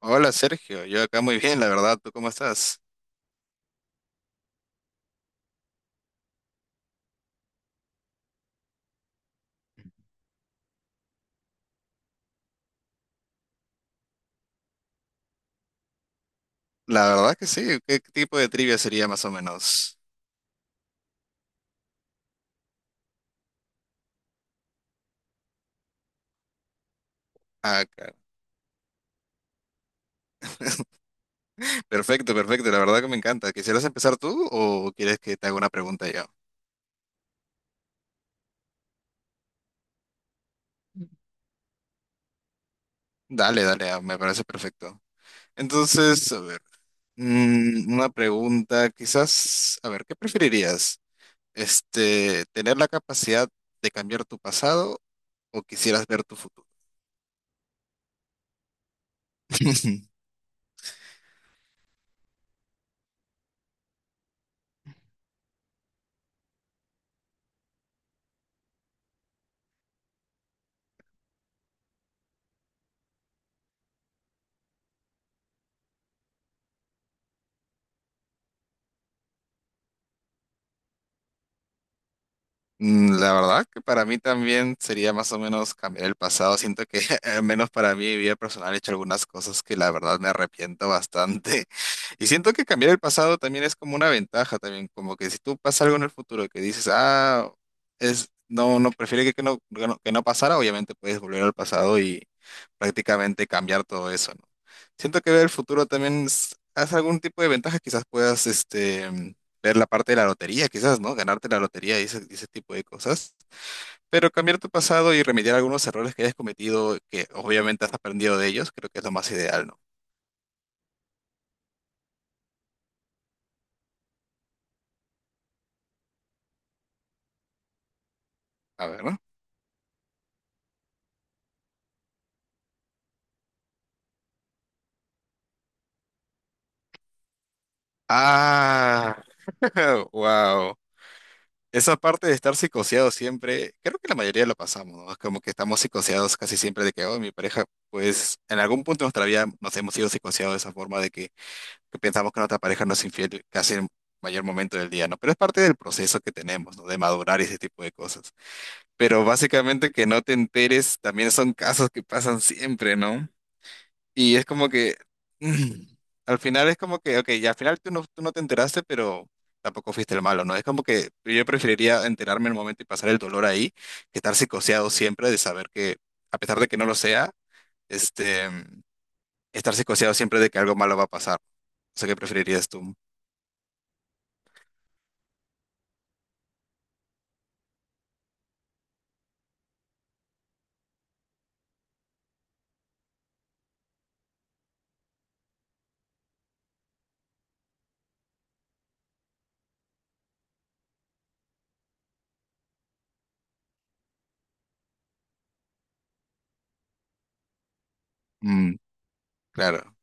Hola Sergio, yo acá muy bien, la verdad, ¿tú cómo estás? La verdad que sí, ¿qué tipo de trivia sería más o menos? Ah, claro. Perfecto, perfecto, la verdad que me encanta. ¿Quisieras empezar tú o quieres que te haga una pregunta yo? Dale, dale, me parece perfecto. Entonces, a ver, una pregunta quizás, a ver, ¿qué preferirías? ¿Tener la capacidad de cambiar tu pasado o quisieras ver tu futuro? La verdad que para mí también sería más o menos cambiar el pasado. Siento que al menos para mí, mi vida personal, he hecho algunas cosas que la verdad me arrepiento bastante. Y siento que cambiar el pasado también es como una ventaja también, como que si tú pasa algo en el futuro que dices, ah, es, no, no, prefiero que no, que no pasara. Obviamente puedes volver al pasado y prácticamente cambiar todo eso, ¿no? Siento que ver el futuro también es algún tipo de ventaja, quizás puedas, ver la parte de la lotería, quizás, ¿no? Ganarte la lotería y ese tipo de cosas. Pero cambiar tu pasado y remediar algunos errores que hayas cometido, que obviamente has aprendido de ellos, creo que es lo más ideal, ¿no? A ver, ¿no? Ah, wow. Esa parte de estar psicoseado siempre, creo que la mayoría lo pasamos, ¿no? Es como que estamos psicoseados casi siempre de que, oh, mi pareja, pues en algún punto de nuestra vida nos hemos sido psicoseados de esa forma de que pensamos que nuestra pareja nos es infiel casi en el mayor momento del día, ¿no? Pero es parte del proceso que tenemos, ¿no? De madurar y ese tipo de cosas. Pero básicamente que no te enteres también son casos que pasan siempre, ¿no? Y es como que mm, al final es como que, ok, ya al final tú no te enteraste, pero tampoco fuiste el malo, ¿no? Es como que yo preferiría enterarme en el momento y pasar el dolor ahí que estar psicoseado siempre de saber que, a pesar de que no lo sea, este, estar psicoseado siempre de que algo malo va a pasar. O sea, ¿qué preferirías tú? Mm, claro.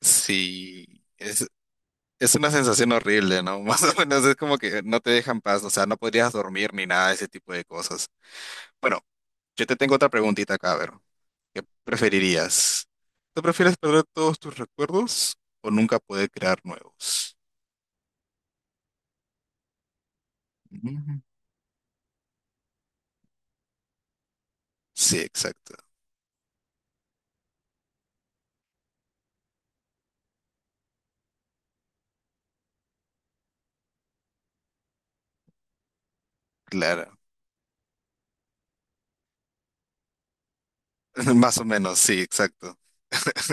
Sí. Es una sensación horrible, ¿no? Más o menos es como que no te dejan paz, o sea, no podrías dormir ni nada de ese tipo de cosas. Bueno, yo te tengo otra preguntita acá, a ver, ¿qué preferirías? ¿Tú prefieres perder todos tus recuerdos o nunca poder crear nuevos? Ujú. Sí, exacto, claro. Más o menos, sí, exacto.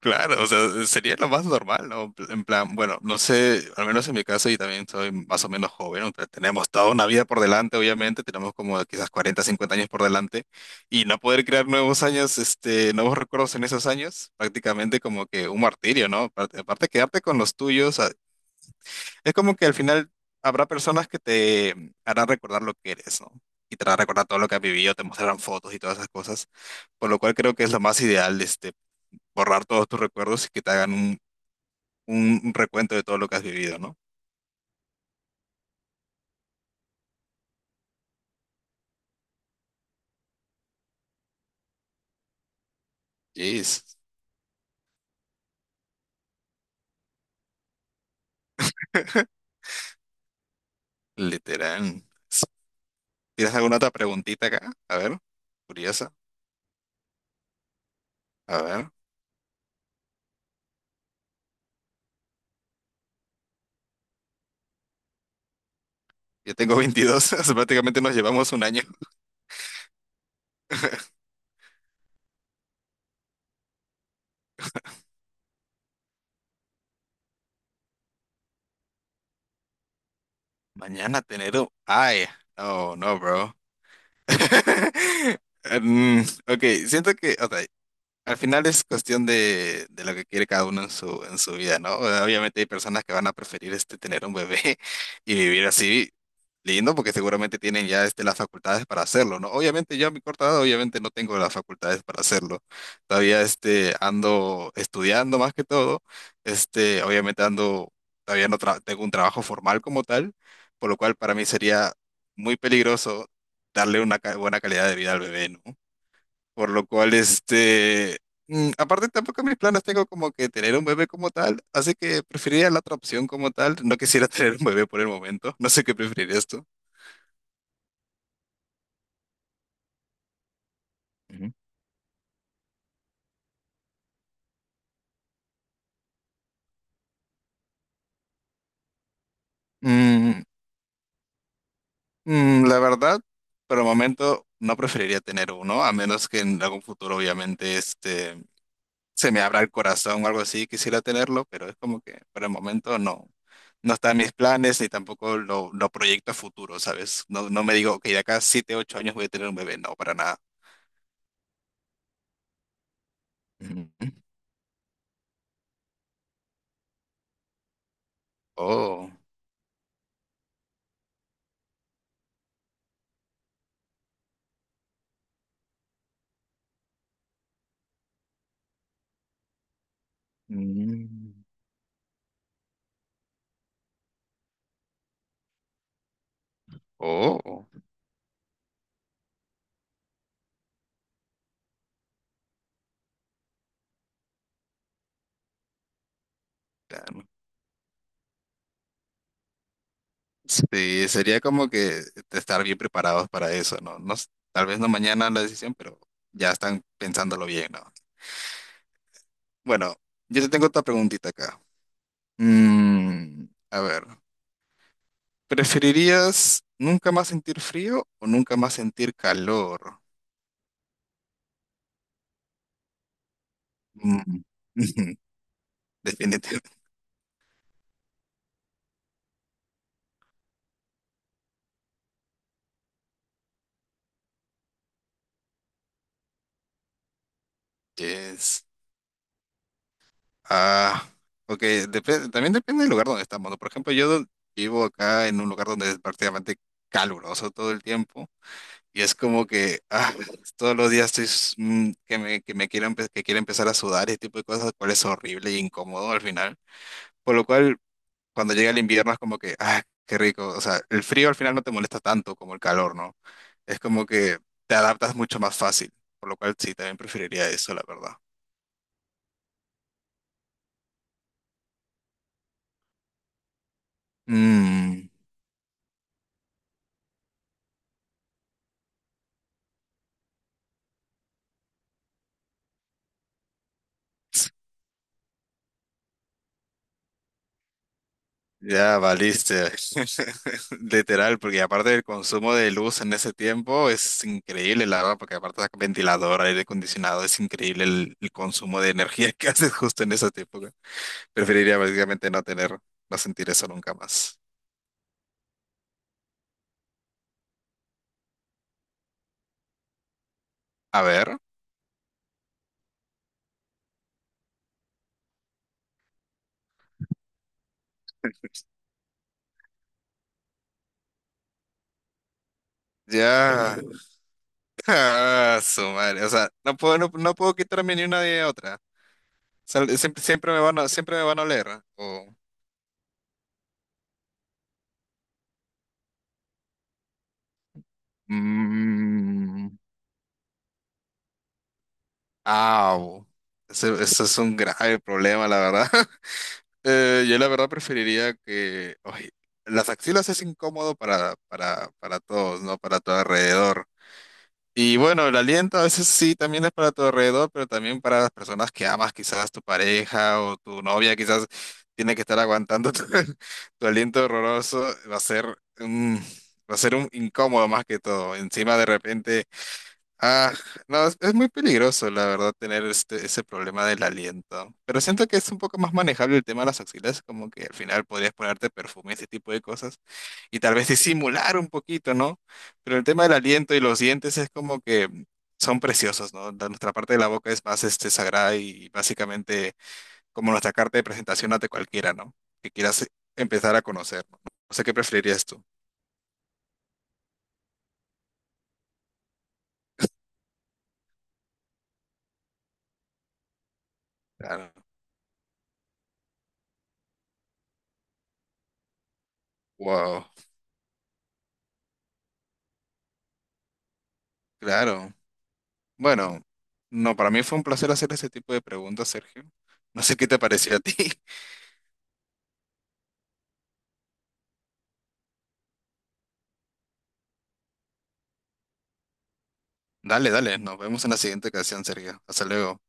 Claro, o sea, sería lo más normal, ¿no? En plan, bueno, no sé, al menos en mi caso, y también soy más o menos joven, o sea, tenemos toda una vida por delante, obviamente, tenemos como quizás 40, 50 años por delante, y no poder crear nuevos años, nuevos recuerdos en esos años, prácticamente como que un martirio, ¿no? Aparte, quedarte con los tuyos, es como que al final habrá personas que te harán recordar lo que eres, ¿no? Y te harán recordar todo lo que has vivido, te mostrarán fotos y todas esas cosas, por lo cual creo que es lo más ideal, borrar todos tus recuerdos y que te hagan un recuento de todo lo que has vivido, ¿no? Yes, literal. ¿Tienes alguna otra preguntita acá? A ver, curiosa. A ver, yo tengo 22, o sea, prácticamente nos llevamos un año. Mañana tener un... Ay, no, no, bro. Mm, ok, siento que, o sea, al final es cuestión de lo que quiere cada uno en su vida, ¿no? Obviamente hay personas que van a preferir tener un bebé y vivir así lindo porque seguramente tienen ya las facultades para hacerlo, ¿no? Obviamente yo a mi corta edad obviamente no tengo las facultades para hacerlo. Todavía ando estudiando más que todo. Obviamente ando, todavía no tra- tengo un trabajo formal como tal, por lo cual para mí sería muy peligroso buena calidad de vida al bebé, ¿no? Por lo cual, aparte tampoco mis planes tengo como que tener un bebé como tal, así que preferiría la otra opción como tal. No quisiera tener un bebé por el momento, no sé qué preferirías tú. Ujú. Mm, la verdad, por el momento no preferiría tener uno, a menos que en algún futuro obviamente se me abra el corazón o algo así, quisiera tenerlo, pero es como que por el momento no, no está en mis planes ni tampoco lo proyecto a futuro, ¿sabes? No, no me digo, ok, de acá a 7, 8 años voy a tener un bebé, no, para nada. Mm, Oh, mm, oh, damn. Sí, sería como que estar bien preparados para eso, ¿no? No, tal vez no mañana la decisión, pero ya están pensándolo bien, ¿no? Bueno, yo te tengo otra preguntita acá. Mm, a ver, ¿preferirías nunca más sentir frío o nunca más sentir calor? Mm, Definitivamente. Ah, ok, depende, también depende del lugar donde estamos, ¿no? Por ejemplo, vivo acá en un lugar donde es prácticamente caluroso todo el tiempo y es como que ah, todos los días que me quiero, que quiero empezar a sudar y ese tipo de cosas, lo cual es horrible e incómodo al final. Por lo cual, cuando llega el invierno es como que, ah, qué rico, o sea, el frío al final no te molesta tanto como el calor, ¿no? Es como que te adaptas mucho más fácil, por lo cual sí, también preferiría eso, la verdad. Mm. Ya valiste. Literal, porque aparte del consumo de luz en ese tiempo es increíble, la verdad, porque aparte de ventilador, aire acondicionado, es increíble el consumo de energía que haces justo en esa época. Preferiría básicamente no sentir eso nunca más. A ver, ya. Ah, su madre. O sea, no puedo, no puedo quitarme ni una de otra. O sea, siempre me van a oler. O... Mm. Ah, ese es un grave problema, la verdad. Yo la verdad preferiría que... ay, las axilas es incómodo para todos, ¿no? Para tu alrededor. Y bueno, el aliento a veces sí también es para tu alrededor, pero también para las personas que amas, quizás tu pareja o tu novia, quizás tiene que estar aguantando tu, tu aliento horroroso. Va a ser un, va a ser un incómodo más que todo. Encima de repente... Ah, no, es muy peligroso, la verdad, tener ese problema del aliento. Pero siento que es un poco más manejable el tema de las axilas, como que al final podrías ponerte perfume, ese tipo de cosas, y tal vez disimular un poquito, ¿no? Pero el tema del aliento y los dientes es como que son preciosos, ¿no? Nuestra parte de la boca es más sagrada y básicamente como nuestra carta de presentación ante cualquiera, ¿no? Que quieras empezar a conocer, ¿no? O sea, ¿qué preferirías tú? Claro. Wow, claro. Bueno, no, para mí fue un placer hacer ese tipo de preguntas, Sergio. No sé qué te pareció a ti. Dale, dale, nos vemos en la siguiente ocasión, Sergio. Hasta luego.